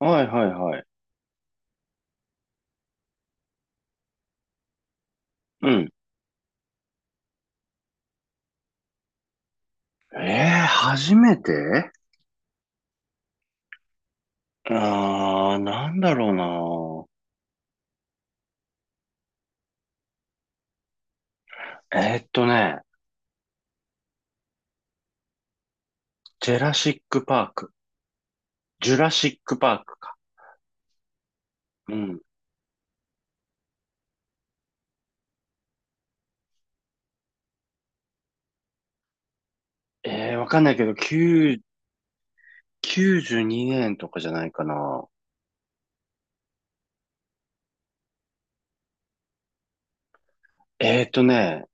はいはいはい。うん。初めてなんだろうな。ジェラシックパーク。ジュラシックパークか。うん。わかんないけど、9、92年とかじゃないかな。えーっとね、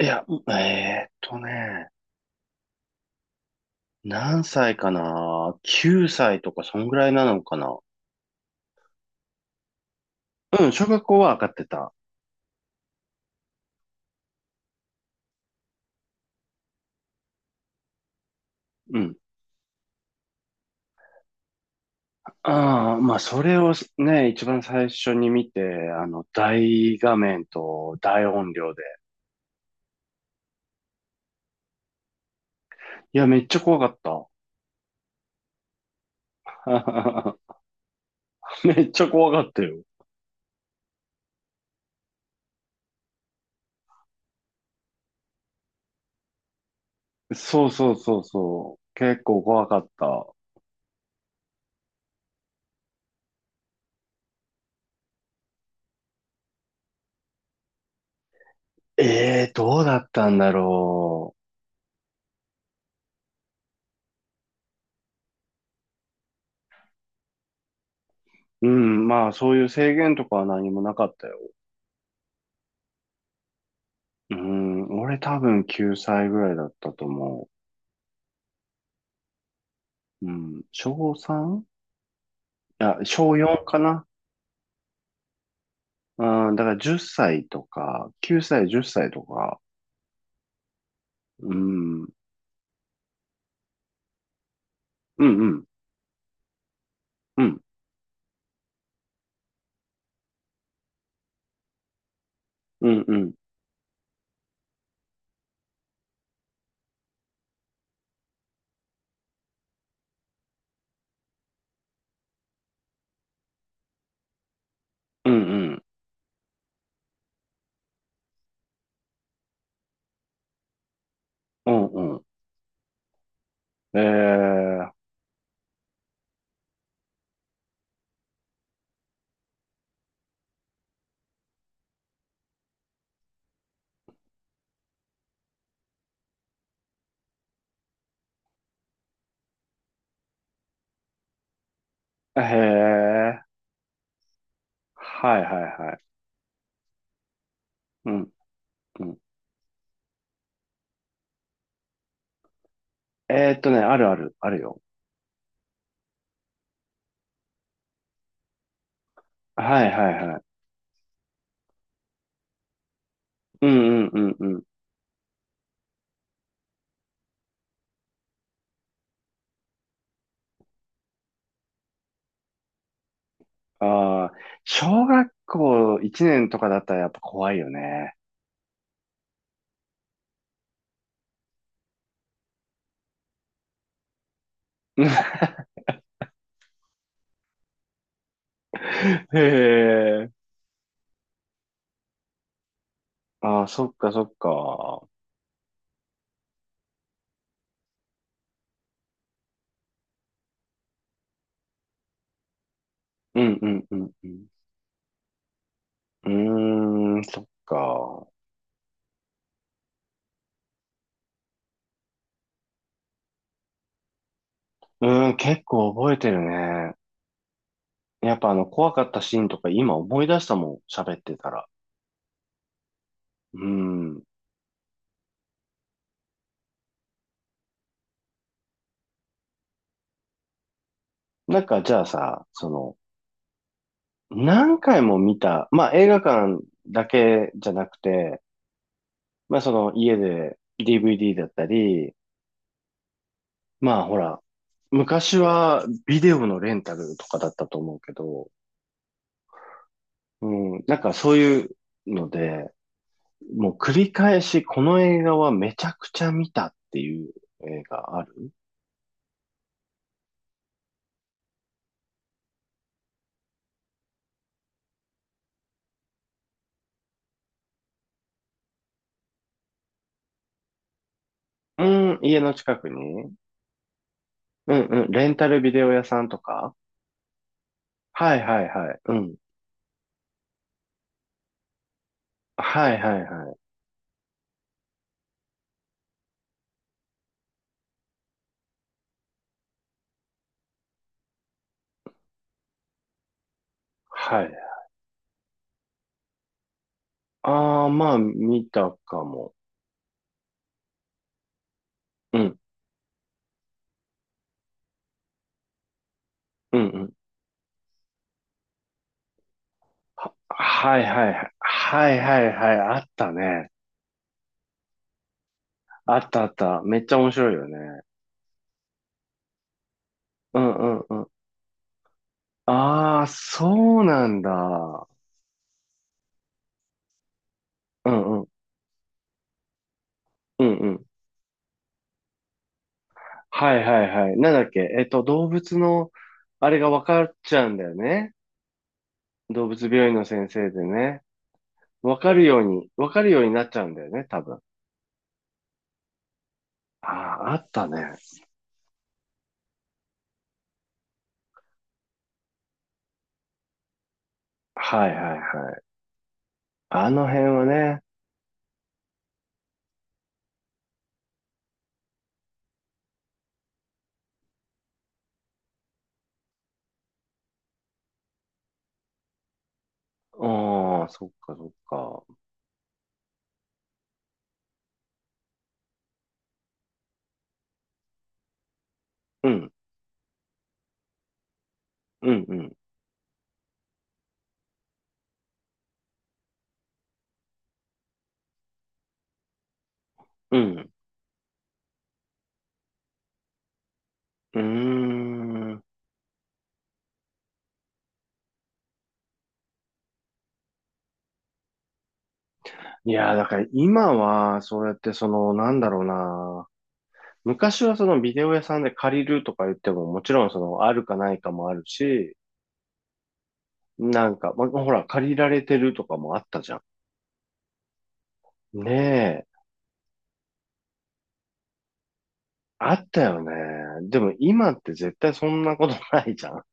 いや、えーっとね、何歳かな ?9 歳とか、そんぐらいなのかな。うん、小学校は上がってた。うん。ああ、まあ、それをね、一番最初に見て、大画面と大音量で。いや、めっちゃ怖かった。めっちゃ怖かったよ。そうそうそうそう。結構怖かった。ええ、どうだったんだろう。うん、まあ、そういう制限とかは何もなかったよ。うん、俺多分9歳ぐらいだったと思う。うん、小 3? いや、小4かな。うん、だから10歳とか、9歳、10歳とか、うん、うん、うん、うん、うん、うん、うん、うん、うん、うん。えへえ、はい、はい、はい。うん、うん。あるある、あるよ。はい、はい、はい。うん、うん、うん、うん。ああ、小学校1年とかだったらやっぱ怖いよね。へえ。ああ、そっかそっか。うんうんうんうん。うーん、そっか。うーん、結構覚えてるね。やっぱ怖かったシーンとか今思い出したもん、喋ってたら。うん。なんかじゃあさ、何回も見た、まあ映画館だけじゃなくて、まあその家で DVD だったり、まあほら、昔はビデオのレンタルとかだったと思うけど、うん、なんかそういうので、もう繰り返しこの映画はめちゃくちゃ見たっていう映画ある。うん、家の近くにうんうん。レンタルビデオ屋さんとかはいはいはい。うん。はいはいはい。はい。ああ、まあ、見たかも。うん。うんうん。はいはいはい。はいはいはい。あったね。あったあった。めっちゃ面白いよね。うんうんうん。ああ、そうなんだ。うんうん。うんうん。はいはいはい。なんだっけ。動物の、あれが分かっちゃうんだよね。動物病院の先生でね。分かるようになっちゃうんだよね、多分。ああ、あったね。はいはいはい。あの辺はね。ああ、そっかそっか。うん、うん、うん、うん。うーん。いやー、だから今は、そうやってなんだろうな。昔はそのビデオ屋さんで借りるとか言っても、もちろんあるかないかもあるし、なんか、ま、ほら、借りられてるとかもあったじゃん。ねえ。あったよね。でも今って絶対そんなことないじゃん。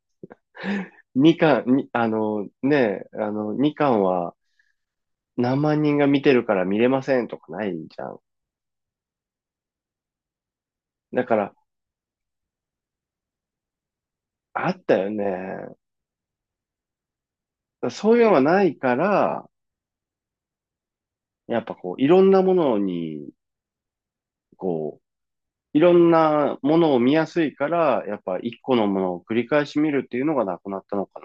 みかん、み、あの、ねえ、あの、みかんは何万人が見てるから見れませんとかないじゃん。だから、あったよね。そういうのがないから、やっぱこう、こう、いろんなものを見やすいから、やっぱ一個のものを繰り返し見るっていうのがなくなったのか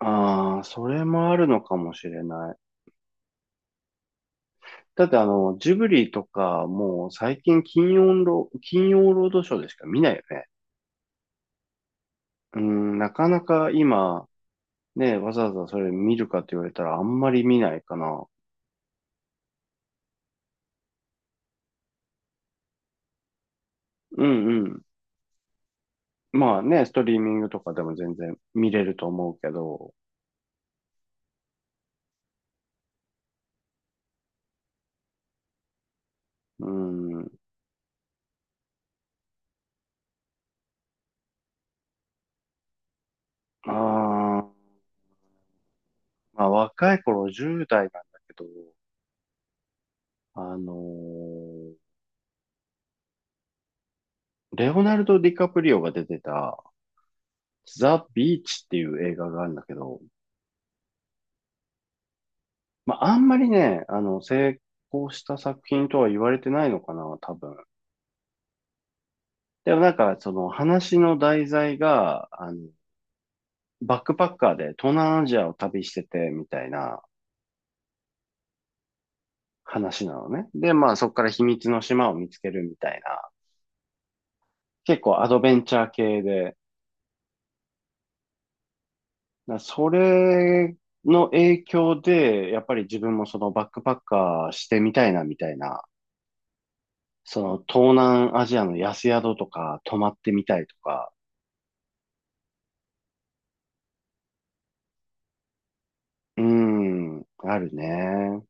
な。ああ、それもあるのかもしれない。だってジブリとか、もう最近金曜ロードショーでしか見ないよね。うん、なかなか今、ね、わざわざそれ見るかって言われたらあんまり見ないかな。うんうん。まあね、ストリーミングとかでも全然見れると思うけど、うん。あーまあ、若い頃10代なんだけど、あのーレオナルド・ディカプリオが出てた、ザ・ビーチっていう映画があるんだけど、まあ、あんまりね、成功した作品とは言われてないのかな、多分。でもなんか、その話の題材が、バックパッカーで東南アジアを旅しててみたいな話なのね。で、まあそこから秘密の島を見つけるみたいな、結構アドベンチャー系で、それの影響で、やっぱり自分もそのバックパッカーしてみたいなみたいな、その東南アジアの安宿とか泊まってみたいとか、うん、あるね。